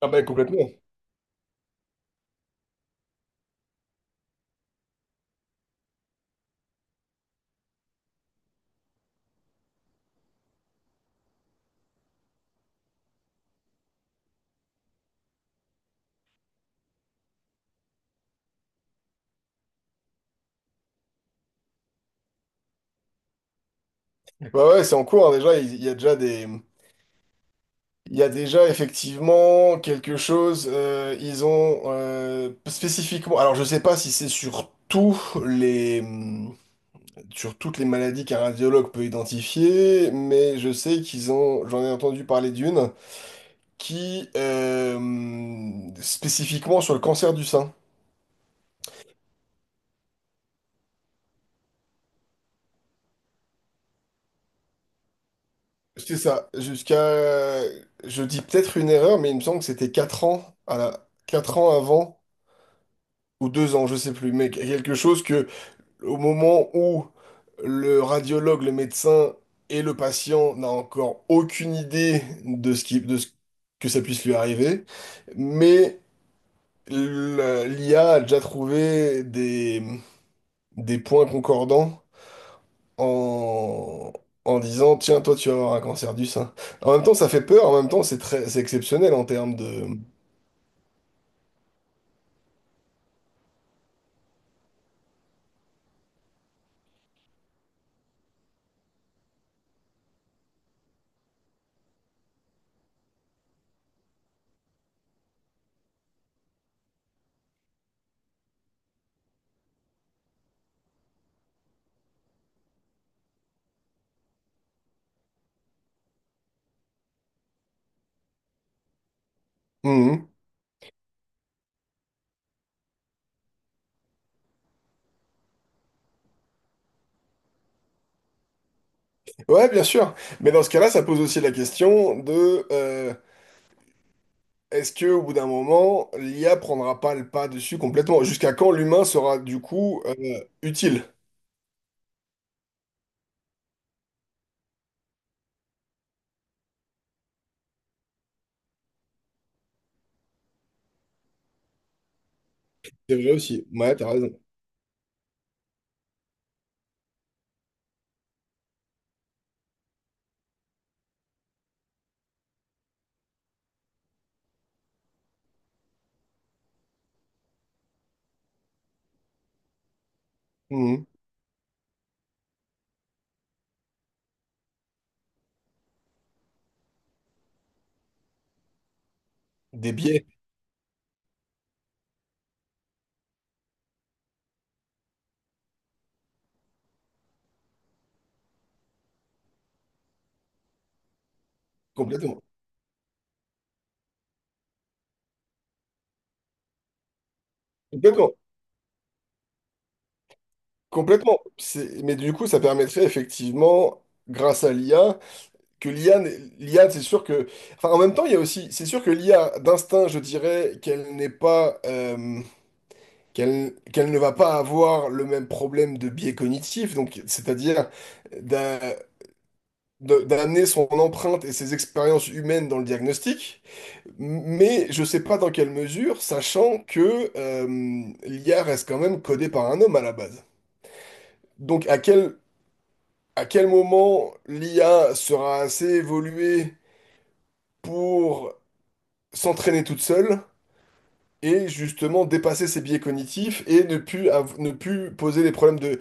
Ah ben complètement. Bah ouais, c'est en cours hein, déjà. Il y a déjà il y a déjà effectivement quelque chose. Ils ont spécifiquement. Alors je sais pas si c'est sur les, sur toutes les maladies qu'un radiologue peut identifier, mais je sais qu'ils ont. J'en ai entendu parler d'une qui spécifiquement sur le cancer du sein. C'est ça. Jusqu'à, je dis peut-être une erreur, mais il me semble que c'était 4 ans avant. Ou 2 ans, je sais plus, mais quelque chose que au moment où le radiologue, le médecin et le patient n'a encore aucune idée de ce que ça puisse lui arriver, mais l'IA a déjà trouvé des points concordants en, en disant, tiens, toi, tu vas avoir un cancer du sein. En même temps, ça fait peur, en même temps, c'est exceptionnel en termes de... Mhm. Ouais, bien sûr. Mais dans ce cas-là, ça pose aussi la question de... Est-ce que au bout d'un moment, l'IA prendra pas le pas dessus complètement? Jusqu'à quand l'humain sera du coup utile? C'est vrai aussi. Ouais, t'as raison. Mhm. Des biais, complètement. Complètement. Complètement. Mais du coup, ça permettrait effectivement, grâce à l'IA, que l'IA, n'est- l'IA, c'est sûr que. Enfin, en même temps, il y a aussi. C'est sûr que l'IA, d'instinct, je dirais qu'elle n'est pas. Qu'elle ne va pas avoir le même problème de biais cognitif, donc c'est-à-dire d'amener son empreinte et ses expériences humaines dans le diagnostic, mais je sais pas dans quelle mesure, sachant que l'IA reste quand même codée par un homme à la base. Donc à quel moment l'IA sera assez évoluée pour s'entraîner toute seule et justement dépasser ses biais cognitifs et ne ne plus poser des problèmes de...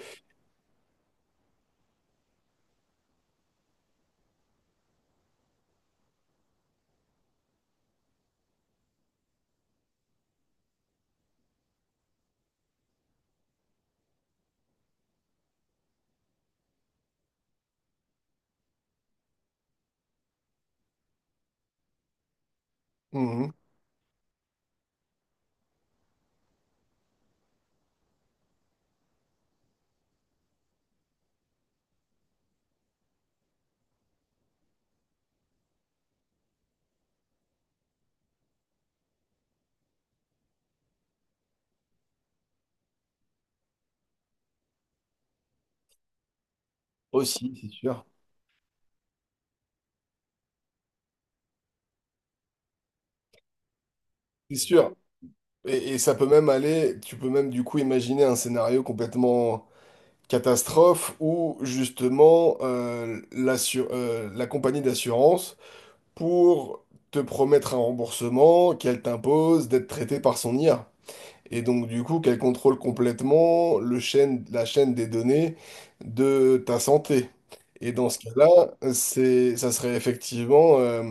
Mhm. Aussi, c'est sûr. C'est sûr. Et ça peut même aller, tu peux même du coup imaginer un scénario complètement catastrophe ou justement la compagnie d'assurance pour te promettre un remboursement qu'elle t'impose d'être traité par son IA. Et donc du coup qu'elle contrôle complètement la chaîne des données de ta santé. Et dans ce cas-là, ça serait effectivement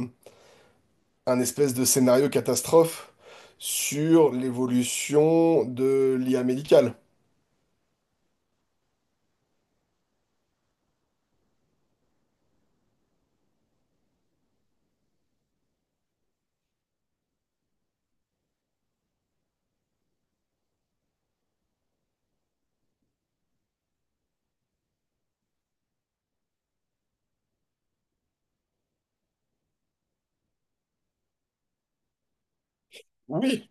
un espèce de scénario catastrophe sur l'évolution de l'IA médicale. Oui,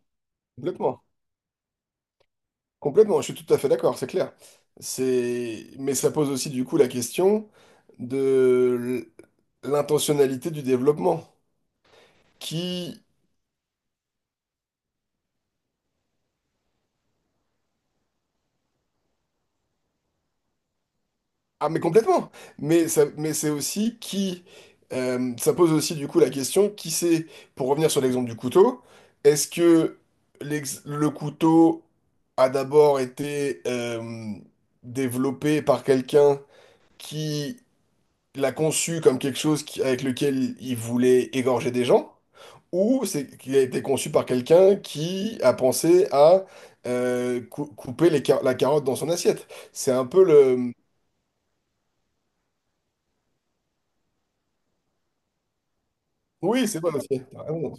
complètement. Complètement, je suis tout à fait d'accord, c'est clair. C'est... Mais ça pose aussi du coup la question de l'intentionnalité du développement. Qui... Ah mais complètement. Mais ça... mais c'est aussi qui... ça pose aussi du coup la question qui c'est, pour revenir sur l'exemple du couteau, est-ce que le couteau a d'abord été développé par quelqu'un qui il l'a conçu comme quelque chose avec lequel il voulait égorger des gens, ou c'est qu'il a été conçu par quelqu'un qui a pensé à couper la carotte dans son assiette. C'est un peu le... Oui, c'est bon aussi. T'as raison.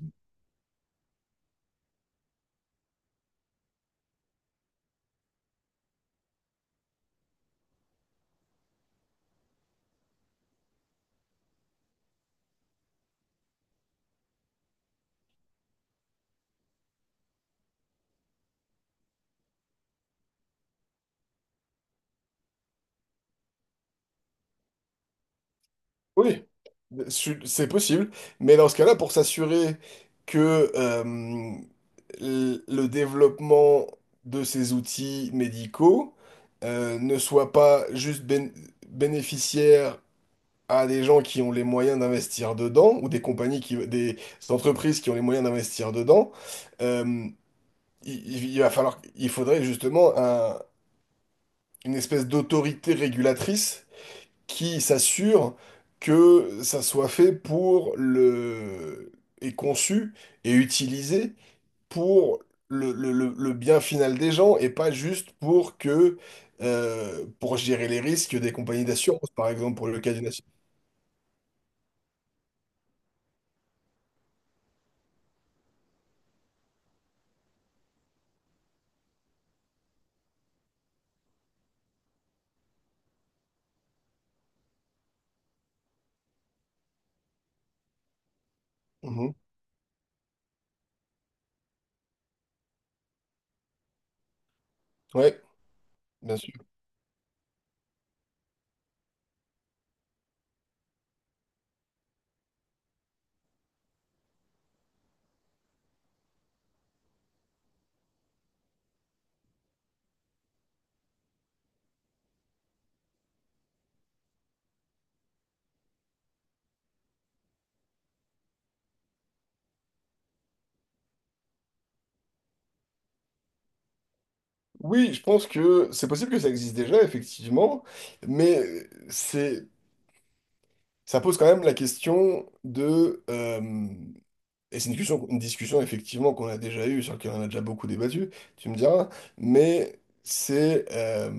Oui, c'est possible. Mais dans ce cas-là, pour s'assurer que le développement de ces outils médicaux ne soit pas juste bénéficiaire à des gens qui ont les moyens d'investir dedans, ou des entreprises qui ont les moyens d'investir dedans, euh, il faudrait justement une espèce d'autorité régulatrice qui s'assure que ça soit fait et conçu et utilisé pour le bien final des gens et pas juste pour gérer les risques des compagnies d'assurance, par exemple, pour le cas d'une assurance. Mhm. Ouais. Bien sûr. Oui, je pense que c'est possible que ça existe déjà, effectivement, mais c'est, ça pose quand même la question et c'est une discussion effectivement qu'on a déjà eue, sur laquelle on a déjà beaucoup débattu, tu me diras, mais c'est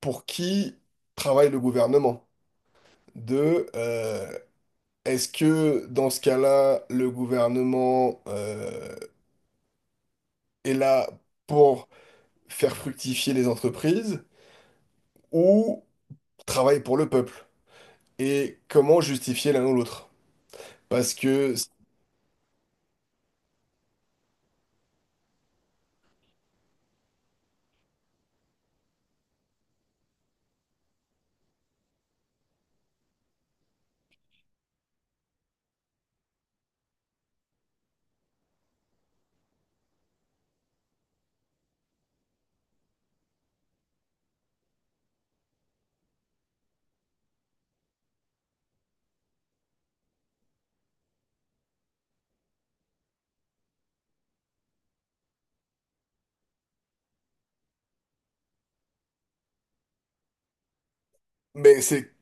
pour qui travaille le gouvernement? De, euh, est-ce que dans ce cas-là, le gouvernement est là pour faire fructifier les entreprises ou travaille pour le peuple? Et comment justifier l'un ou l'autre. Parce que Mais c'est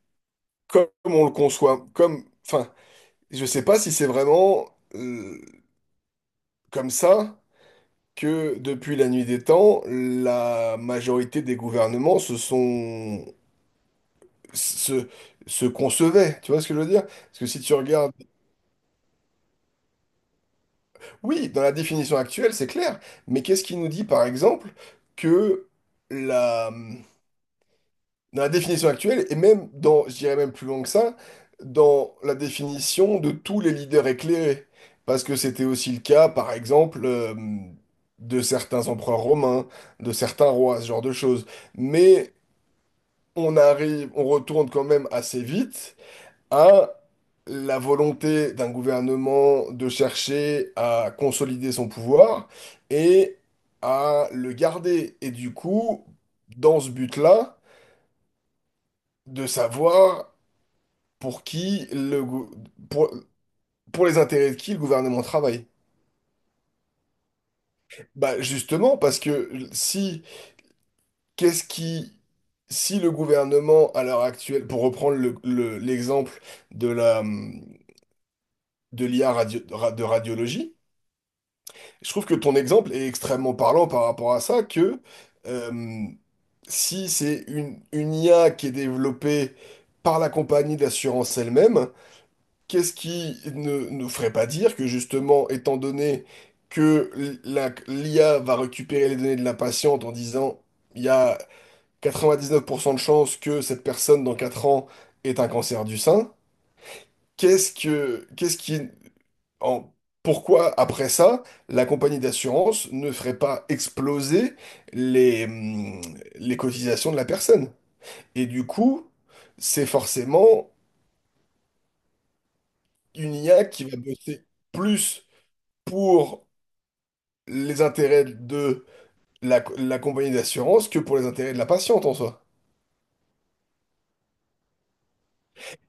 comme on le conçoit, comme, enfin, je sais pas si c'est vraiment euh, comme ça que depuis la nuit des temps, la majorité des gouvernements se, se concevaient. Tu vois ce que je veux dire? Parce que si tu regardes, oui, dans la définition actuelle, c'est clair, mais qu'est-ce qui nous dit par exemple que dans la définition actuelle, et même dans, je dirais même plus loin que ça, dans la définition de tous les leaders éclairés. Parce que c'était aussi le cas, par exemple, de certains empereurs romains, de certains rois, ce genre de choses. Mais on retourne quand même assez vite à la volonté d'un gouvernement de chercher à consolider son pouvoir et à le garder. Et du coup, dans ce but-là, de savoir pour qui le, gou- pour, pour les intérêts de qui le gouvernement travaille? Bah justement, parce que si, qu'est-ce qui, si le gouvernement à l'heure actuelle, pour reprendre l'exemple de de l'IA de radiologie, je trouve que ton exemple est extrêmement parlant par rapport à ça, que euh, si c'est une IA qui est développée par la compagnie d'assurance elle-même. Qu'est-ce qui ne nous ferait pas dire que justement, étant donné que l'IA va récupérer les données de la patiente en disant il y a 99% de chances que cette personne dans 4 ans ait un cancer du sein, qu'est-ce que, qu'est-ce qui, en- pourquoi après ça, la compagnie d'assurance ne ferait pas exploser les, hum, les cotisations de la personne? Et du coup, c'est forcément une IA qui va bosser plus pour les intérêts de la compagnie d'assurance que pour les intérêts de la patiente en soi.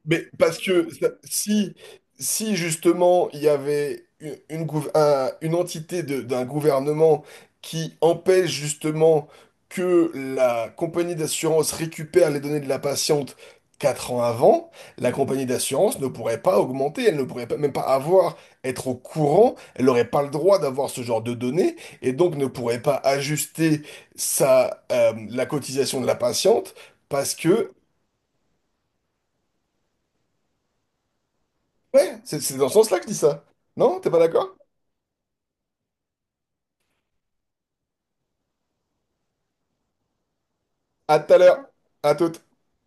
Mais parce que si justement il y avait une entité d'un gouvernement qui empêche justement que la compagnie d'assurance récupère les données de la patiente 4 ans avant, la compagnie d'assurance ne pourrait pas augmenter, elle ne pourrait pas, même pas avoir, être au courant, elle n'aurait pas le droit d'avoir ce genre de données et donc ne pourrait pas ajuster la cotisation de la patiente. Parce que ouais, c'est dans ce sens-là que je dis ça. Non, t'es pas d'accord? À tout à l'heure. À toute.